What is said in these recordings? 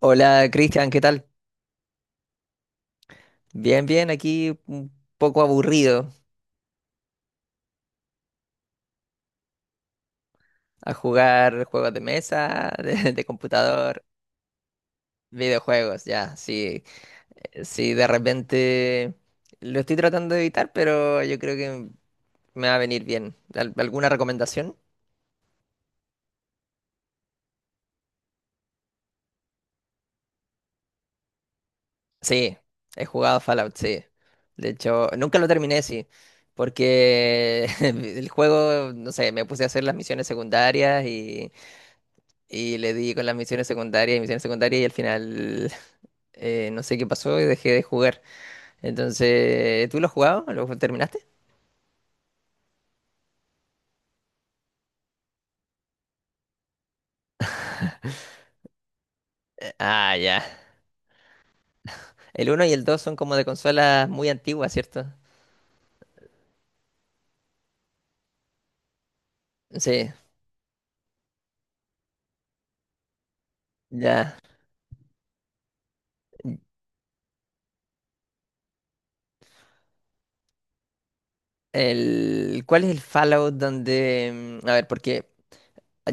Hola, Cristian, ¿qué tal? Bien, bien, aquí un poco aburrido a jugar juegos de mesa, de computador, videojuegos, ya, sí, sí, de repente lo estoy tratando de evitar, pero yo creo que me va a venir bien. ¿Alguna recomendación? Sí, he jugado Fallout, sí. De hecho, nunca lo terminé, sí, porque el juego, no sé, me puse a hacer las misiones secundarias y... Y le di con las misiones secundarias y al final, no sé qué pasó y dejé de jugar. Entonces, ¿tú lo has jugado? ¿Lo terminaste? Ah, ya. El uno y el 2 son como de consolas muy antiguas, ¿cierto? Sí, ya. El, ¿cuál es el Fallout donde... a ver, porque...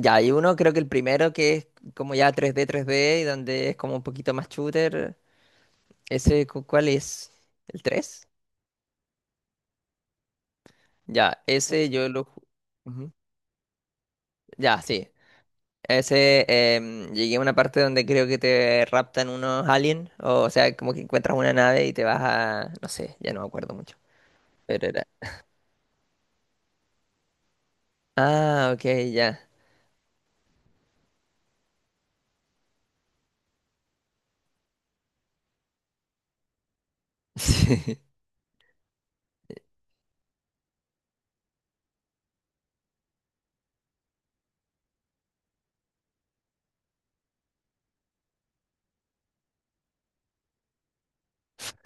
Ya, hay uno, creo que el primero que es como ya 3D, 3D, y donde es como un poquito más shooter. ¿Ese Cuál es? ¿El tres? Ya, ese yo lo... Ujú. Ya, sí. Ese, llegué a una parte donde creo que te raptan unos aliens, o sea, como que encuentras una nave y te vas a, no sé, ya no me acuerdo mucho, pero era... Ah, ok, ya. Sí.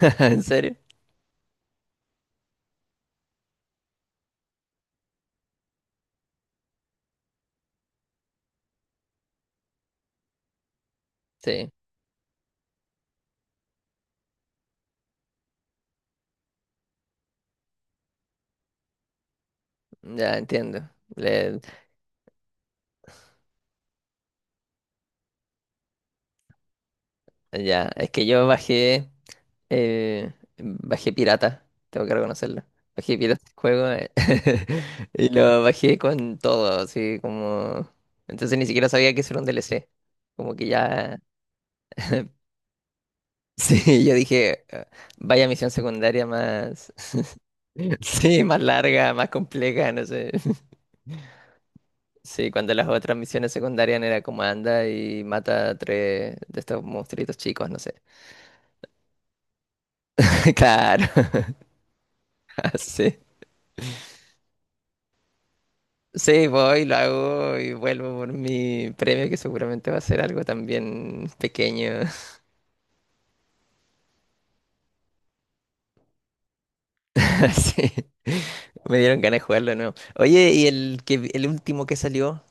¿En serio? Sí, ya entiendo. Le- ya, es que yo bajé, bajé pirata, tengo que reconocerlo. Bajé pirata el juego, y lo bajé con todo, así como... Entonces ni siquiera sabía que eso era un DLC, como que ya... Sí, yo dije, "Ah, vaya misión secundaria más, sí, más larga, más compleja, no sé." Sí, cuando las otras misiones secundarias era como anda y mata a tres de estos monstruitos chicos, no sé. Claro, sí. Sí, voy, lo hago y vuelvo por mi premio, que seguramente va a ser algo también pequeño. Sí, me dieron ganas de jugarlo. No, oye, ¿y el que, el último que salió?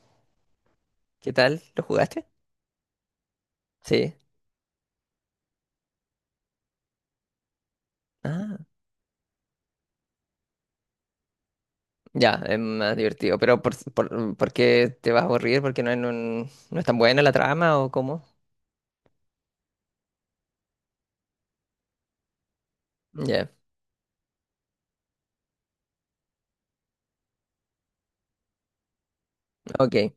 ¿Qué tal? ¿Lo jugaste? Sí. Ah, ya, es más divertido. Pero ¿por qué te vas a aburrir? ¿Porque no, no es tan buena la trama, o cómo? Ya, ok,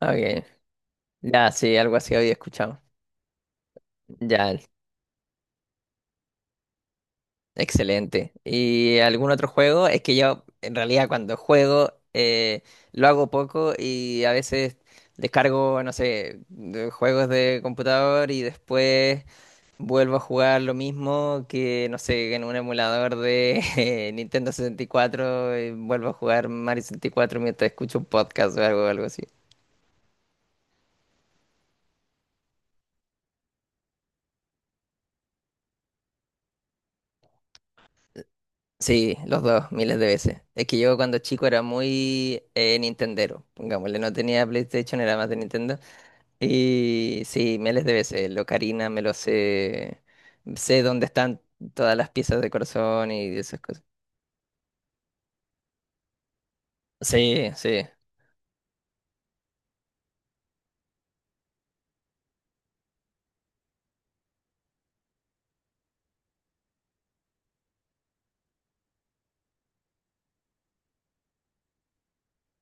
ok. Ya, sí, algo así había escuchado. Ya, excelente. ¿Y algún otro juego? Es que yo en realidad cuando juego, lo hago poco y a veces descargo, no sé, de juegos de computador y después vuelvo a jugar lo mismo que, no sé, en un emulador de Nintendo 64 y cuatro, y vuelvo a jugar Mario 64 mientras escucho un podcast o algo, algo así. Sí, los dos, miles de veces. Es que yo cuando chico era muy, Nintendero, pongámosle, no tenía PlayStation, era más de Nintendo. Y sí, miles de veces. Lo Ocarina me lo sé. Sé dónde están todas las piezas de corazón y esas cosas. Sí, sí.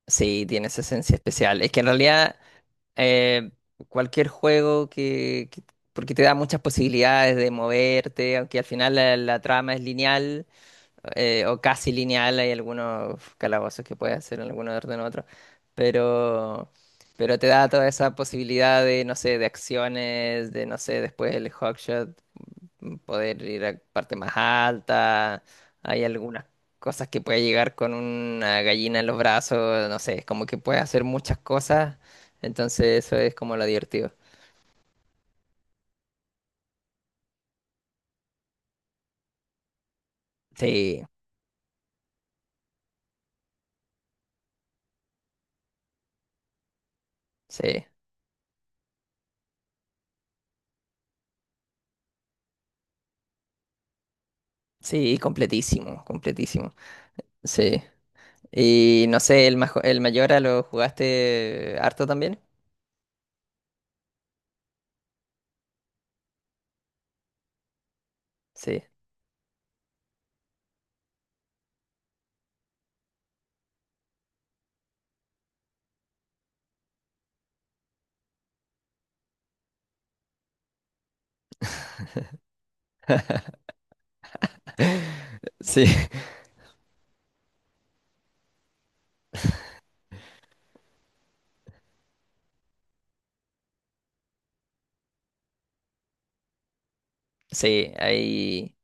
Sí, tiene esa esencia especial. Es que en realidad, eh, cualquier juego que- Porque te da muchas posibilidades de moverte, aunque al final la trama es lineal, o casi lineal, hay algunos calabozos que puedes hacer en alguno orden u otro, pero, pero te da toda esa posibilidad de, no sé, de acciones, de, no sé, después el hookshot, poder ir a parte más alta, hay algunas cosas que puedes llegar con una gallina en los brazos, no sé, es como que puedes hacer muchas cosas, entonces eso es como lo divertido. Sí, sí, sí, completísimo, completísimo. Sí. Y no sé, el, el Mayora lo jugaste harto también. Sí, sí, sí, ahí,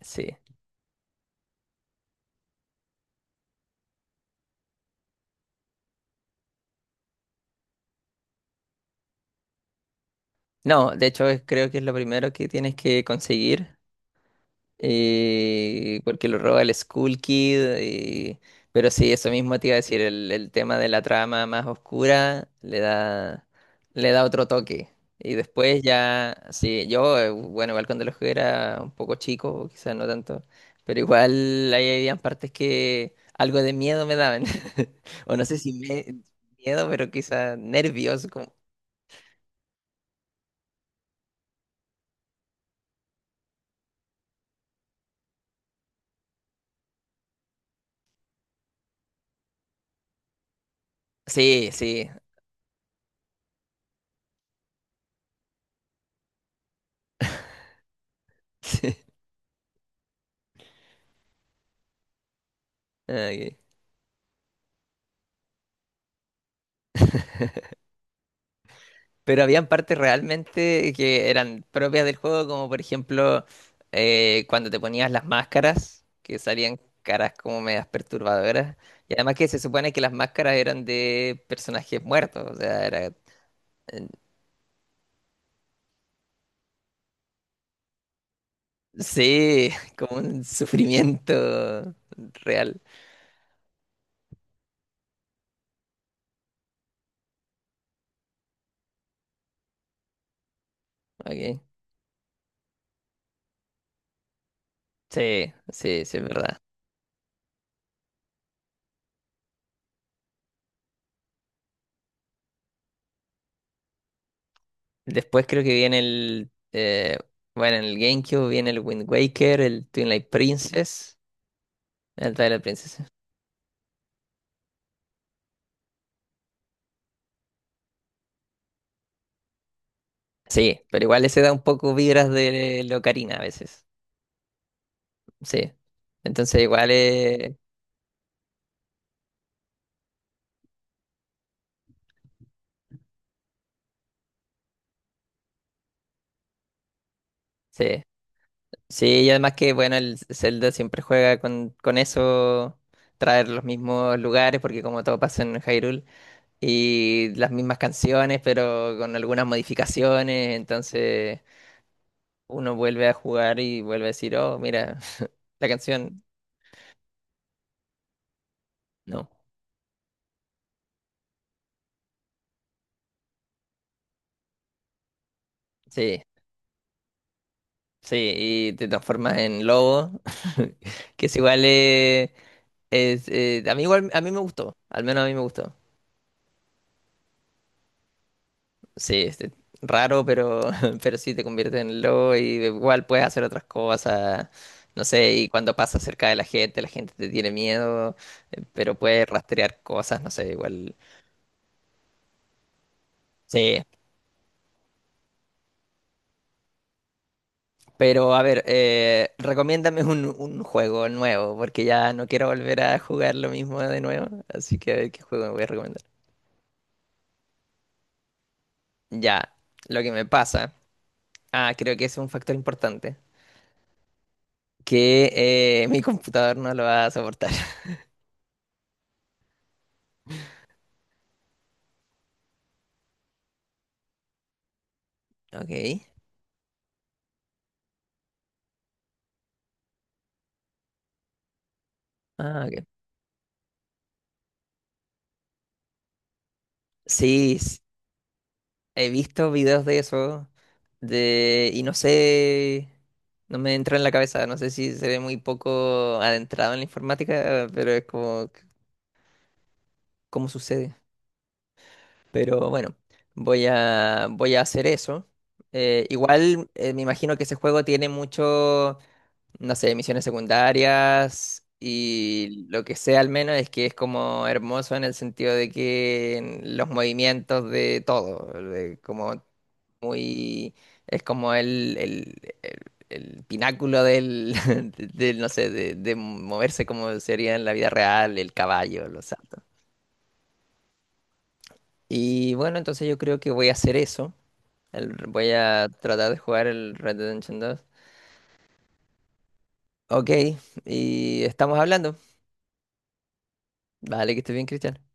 sí. No, de hecho es- creo que es lo primero que tienes que conseguir, porque lo roba el Skull Kid. Pero sí, eso mismo te iba a decir, el tema de la trama más oscura le da otro toque. Y después ya, sí, yo, bueno, igual cuando lo jugué era un poco chico, quizás no tanto, pero igual ahí habían partes que algo de miedo me daban. O no sé si miedo, pero quizás nervios. Como- sí, sí. Ah, ok. Pero habían partes realmente que eran propias del juego, como por ejemplo, cuando te ponías las máscaras, que salían caras como medias perturbadoras. Y además que se supone que las máscaras eran de personajes muertos, o sea, era, eh, sí, como un sufrimiento real. Ok. Sí, sí, sí, es verdad. Después creo que viene el, bueno, en el GameCube viene el Wind Waker, el Twilight Princess, el Twilight Princess. Sí, pero igual ese da un poco vibras de la ocarina a veces. Sí. Entonces igual, sí. Sí, y además que bueno, el Zelda siempre juega con eso, traer los mismos lugares, porque como todo pasa en Hyrule, y las mismas canciones, pero con algunas modificaciones, entonces uno vuelve a jugar y vuelve a decir, oh, mira, la canción, no. Sí, sí, y te transformas en lobo, que es igual... Es, a mí igual, a mí me gustó, al menos a mí me gustó. Sí, este, raro, pero, pero sí te convierte en lobo y igual puedes hacer otras cosas, no sé, y cuando pasas cerca de la gente te tiene miedo, pero puedes rastrear cosas, no sé, igual. Sí, pero a ver, recomiéndame un juego nuevo, porque ya no quiero volver a jugar lo mismo de nuevo, así que a ver qué juego me voy a recomendar. Ya, lo que me pasa, ah, creo que es un factor importante. Que mi computador no lo va a soportar. Ok. Ah, ok. Sí, he visto videos de eso de, y no sé, no me entra en la cabeza, no sé si se ve muy poco adentrado en la informática, pero es como cómo sucede. Pero bueno, voy a hacer eso. Igual, me imagino que ese juego tiene mucho, no sé, misiones secundarias y lo que sé al menos es que es como hermoso en el sentido de que en los movimientos de todo, de como muy, es como el pináculo del, del, no sé, de moverse como sería en la vida real, el caballo, los saltos. Y bueno, entonces yo creo que voy a hacer eso. El- voy a tratar de jugar el Red Dead Redemption 2. Ok, y estamos hablando. Vale, que estés bien, Cristian.